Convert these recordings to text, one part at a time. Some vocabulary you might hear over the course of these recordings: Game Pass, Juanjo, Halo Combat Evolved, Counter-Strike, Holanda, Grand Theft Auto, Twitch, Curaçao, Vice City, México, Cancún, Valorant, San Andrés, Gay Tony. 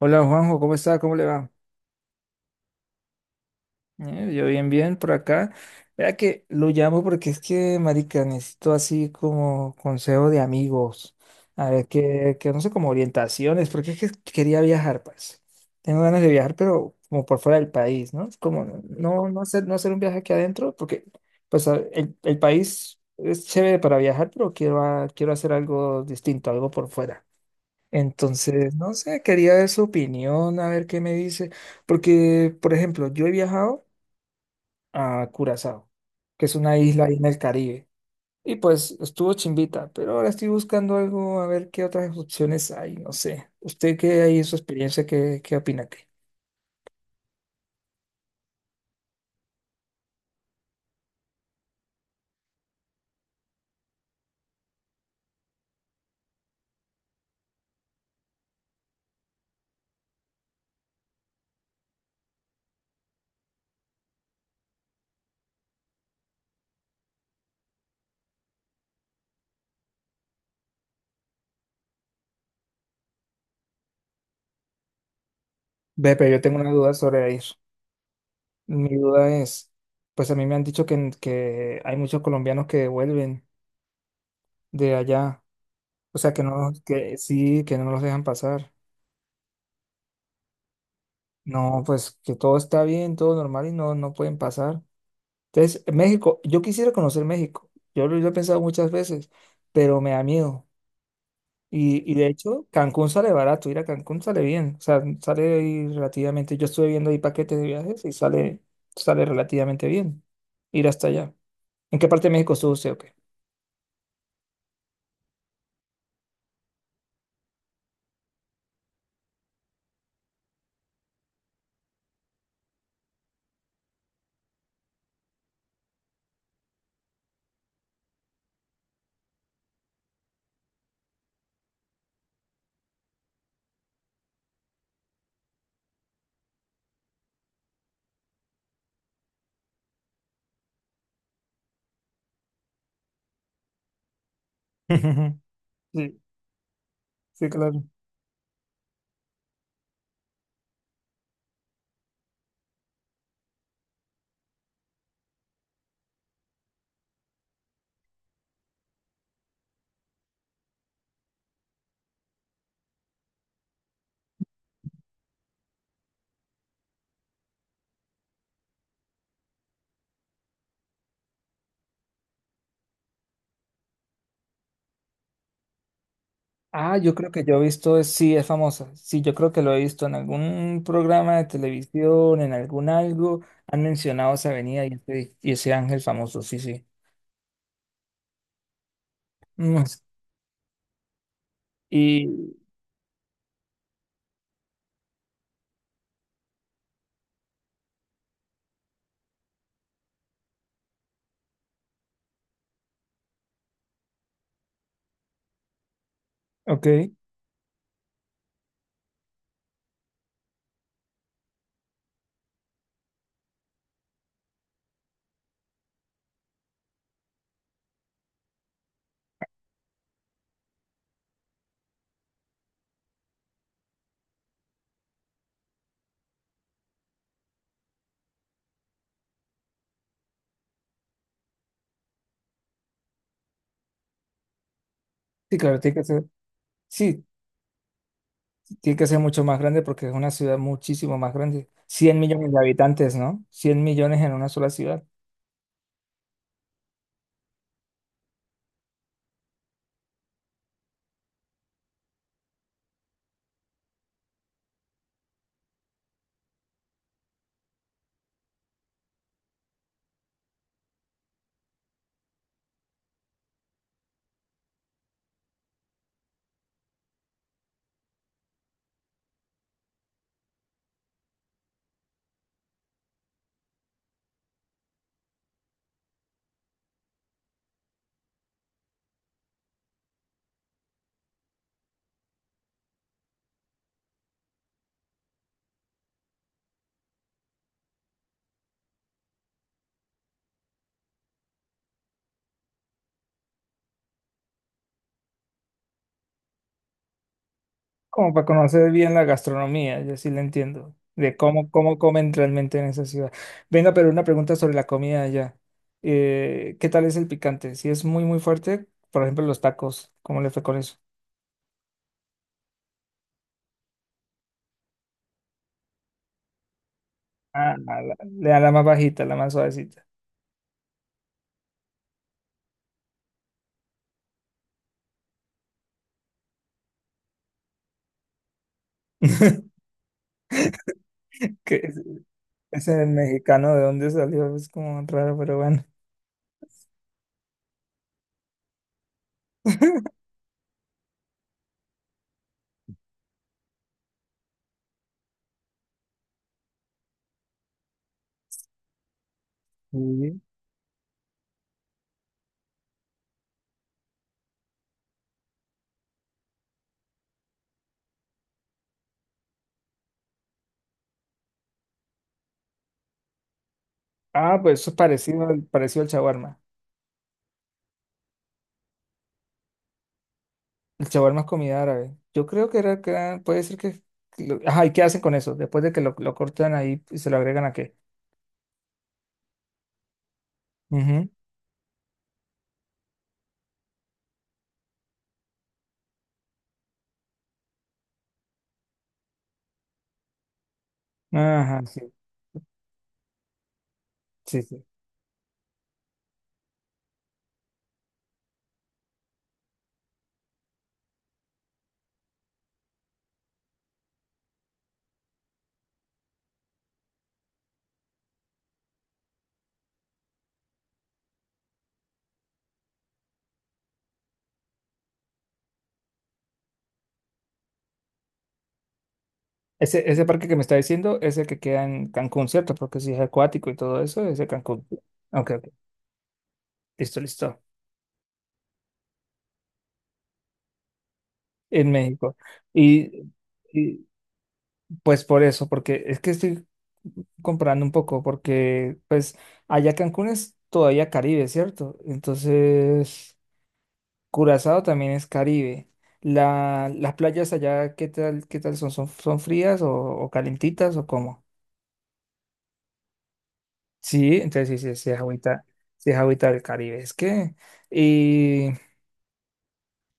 Hola Juanjo, ¿cómo está? ¿Cómo le va? Yo bien, bien por acá. Vea que lo llamo porque es que, marica, necesito así como consejo de amigos. A ver, que no sé, como orientaciones, porque es que quería viajar, pues. Tengo ganas de viajar, pero como por fuera del país, ¿no? Es como no hacer un viaje aquí adentro, porque pues el país es chévere para viajar, pero quiero hacer algo distinto, algo por fuera. Entonces, no sé, quería ver su opinión, a ver qué me dice, porque, por ejemplo, yo he viajado a Curazao, que es una isla ahí en el Caribe, y pues estuvo chimbita, pero ahora estoy buscando algo, a ver qué otras opciones hay, no sé. ¿Usted qué hay en su experiencia, qué opina? Que Ve, pero yo tengo una duda sobre ir. Mi duda es, pues a mí me han dicho que hay muchos colombianos que vuelven de allá, o sea, que no, que sí, que no los dejan pasar. No, pues que todo está bien, todo normal y no, no pueden pasar. Entonces, México, yo quisiera conocer México. Yo lo he pensado muchas veces, pero me da miedo. Y de hecho, Cancún sale barato, ir a Cancún sale bien. O sea, sale ahí relativamente. Yo estuve viendo ahí paquetes de viajes y sale relativamente bien ir hasta allá. ¿En qué parte de México estuvo usted o qué? Sí, sí, claro. Ah, yo creo que yo he visto, sí, es famosa. Sí, yo creo que lo he visto en algún programa de televisión, en algún algo. Han mencionado esa avenida y ese ángel famoso, sí, sí. Mm. Y, ok, sí, claro, tiene que ser, sí, tiene que ser mucho más grande porque es una ciudad muchísimo más grande. 100 millones de habitantes, ¿no? 100 millones en una sola ciudad. Como para conocer bien la gastronomía, yo sí la entiendo, de cómo, cómo comen realmente en esa ciudad. Venga, pero una pregunta sobre la comida allá. ¿Qué tal es el picante? Si es muy, muy fuerte, por ejemplo, los tacos, ¿cómo le fue con eso? Ah, le da la más bajita, la más suavecita. Que es el mexicano, ¿de dónde salió? Es como raro, pero bueno. Sí. Ah, pues eso es parecido al shawarma. El shawarma es comida árabe. Yo creo puede ser que... Ajá, ¿y qué hacen con eso? Después de que lo cortan ahí y se lo agregan a qué. Ujú. Ajá, sí, sí, sí. Ese parque que me está diciendo es el que queda en Cancún, ¿cierto? Porque si es acuático y todo eso, es de Cancún. Ok, ok. Listo, listo. En México. Y, y pues por eso, porque es que estoy comparando un poco, porque pues allá Cancún es todavía Caribe, ¿cierto? Entonces... Curazao también es Caribe. Las playas allá, ¿qué tal son? ¿Son frías o calentitas o cómo? Sí, entonces sí, sí, sí es agüita del Caribe. Es que, y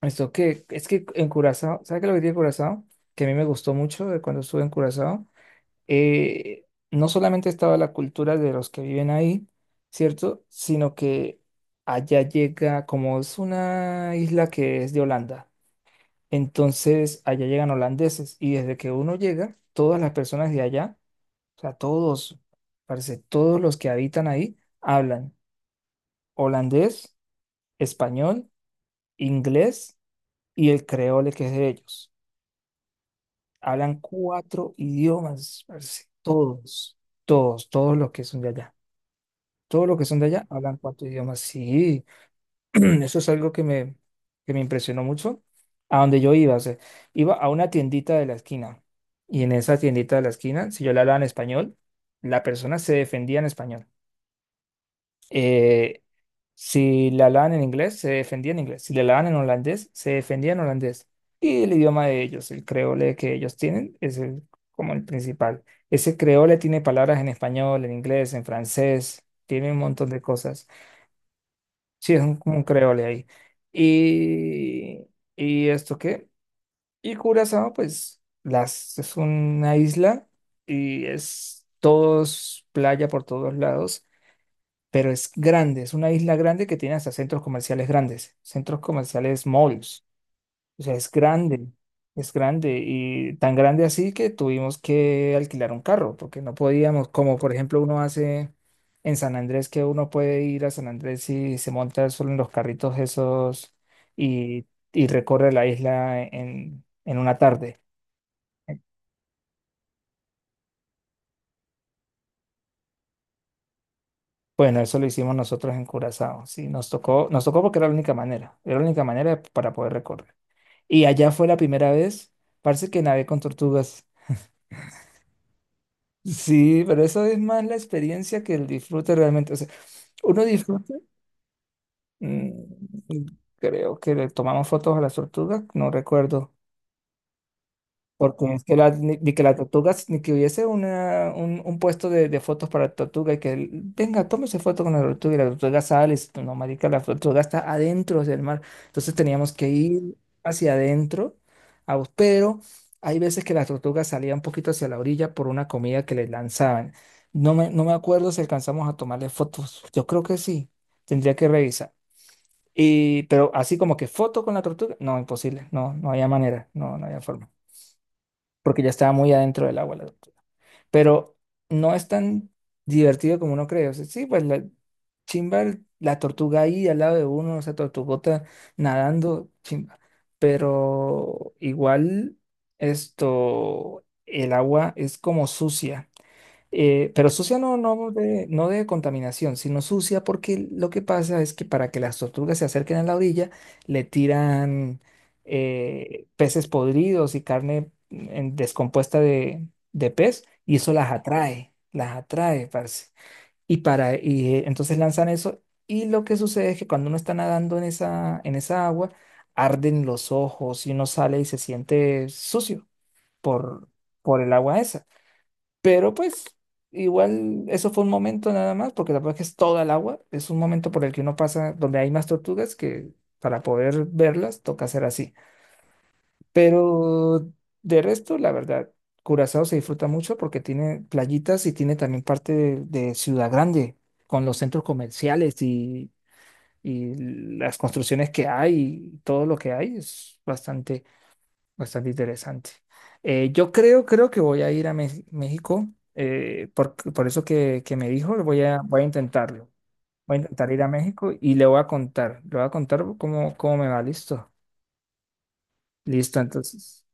esto que, es que en Curazao, ¿sabes qué es lo que tiene Curazao? Que a mí me gustó mucho de cuando estuve en Curazao. eh, no solamente estaba la cultura de los que viven ahí, ¿cierto? Sino que allá llega, como es una isla que es de Holanda. Entonces, allá llegan holandeses y desde que uno llega, todas las personas de allá, o sea, todos, parece, todos los que habitan ahí, hablan holandés, español, inglés y el creole que es de ellos. Hablan cuatro idiomas, parce, todos, todos, todos los que son de allá. Todos los que son de allá hablan cuatro idiomas, sí. Eso es algo que me, impresionó mucho. A donde yo iba, o sea, iba a una tiendita de la esquina. Y en esa tiendita de la esquina, si yo le hablaba en español, la persona se defendía en español. Eh, si le hablaban en inglés, se defendía en inglés. Si le hablaban en holandés, se defendía en holandés. Y el idioma de ellos, el creole que ellos tienen, como el principal. Ese creole tiene palabras en español, en inglés, en francés, tiene un montón de cosas. Sí, como un creole ahí. Y, ¿Y esto qué? Y Curazao, pues, es una isla y es todos playa por todos lados, pero es grande, es una isla grande que tiene hasta centros comerciales grandes, centros comerciales malls. O sea, es grande y tan grande así que tuvimos que alquilar un carro porque no podíamos, como por ejemplo uno hace en San Andrés, que uno puede ir a San Andrés y se monta solo en los carritos esos y, recorre la isla en una tarde. Bueno, eso lo hicimos nosotros en Curazao, sí, nos tocó porque era la única manera, era la única manera para poder recorrer. Y allá fue la primera vez, parece que nadé con tortugas. Sí, pero eso es más la experiencia que el disfrute realmente. O sea, uno disfruta, mm, creo que le tomamos fotos a las tortugas, no recuerdo. Porque es que la, ni que la tortuga, ni que hubiese un puesto de fotos para la tortuga y que, él, venga, tómese foto con la tortuga y la tortuga sale, y dice, no, marica, la tortuga está adentro del mar. Entonces teníamos que ir hacia adentro, pero hay veces que la tortuga salía un poquito hacia la orilla por una comida que le lanzaban. No me acuerdo si alcanzamos a tomarle fotos. Yo creo que sí, tendría que revisar. Pero así como que foto con la tortuga, no, imposible, no, no había manera, no, no había forma porque ya estaba muy adentro del agua la tortuga. Pero no es tan divertido como uno cree. O sea, sí, pues la chimba, la tortuga ahí al lado de uno, esa tortugota nadando, chimba. Pero igual esto, el agua es como sucia. Pero sucia no, no de contaminación, sino sucia porque lo que pasa es que para que las tortugas se acerquen a la orilla, le tiran peces podridos y carne descompuesta de pez y eso las atrae, parce. Y, para, y entonces lanzan eso y lo que sucede es que cuando uno está nadando en esa agua, arden los ojos y uno sale y se siente sucio por, por el agua esa. Pero pues igual eso fue un momento nada más, porque la verdad que es toda el agua, es un momento por el que uno pasa donde hay más tortugas que para poder verlas toca hacer así. Pero de resto, la verdad, Curazao se disfruta mucho porque tiene playitas y tiene también parte de Ciudad Grande, con los centros comerciales y las construcciones que hay y todo lo que hay es bastante... Bastante interesante. Creo que voy a ir a México, por eso que me dijo, voy a intentarlo. Voy a intentar ir a México y le voy a contar, le voy a contar cómo me va, listo. Listo, entonces.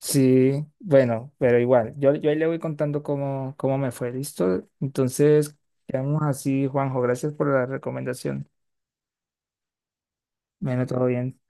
Sí, bueno, pero igual, yo ahí le voy contando cómo me fue, listo. Entonces, quedamos así, Juanjo, gracias por la recomendación. Bueno, todo bien.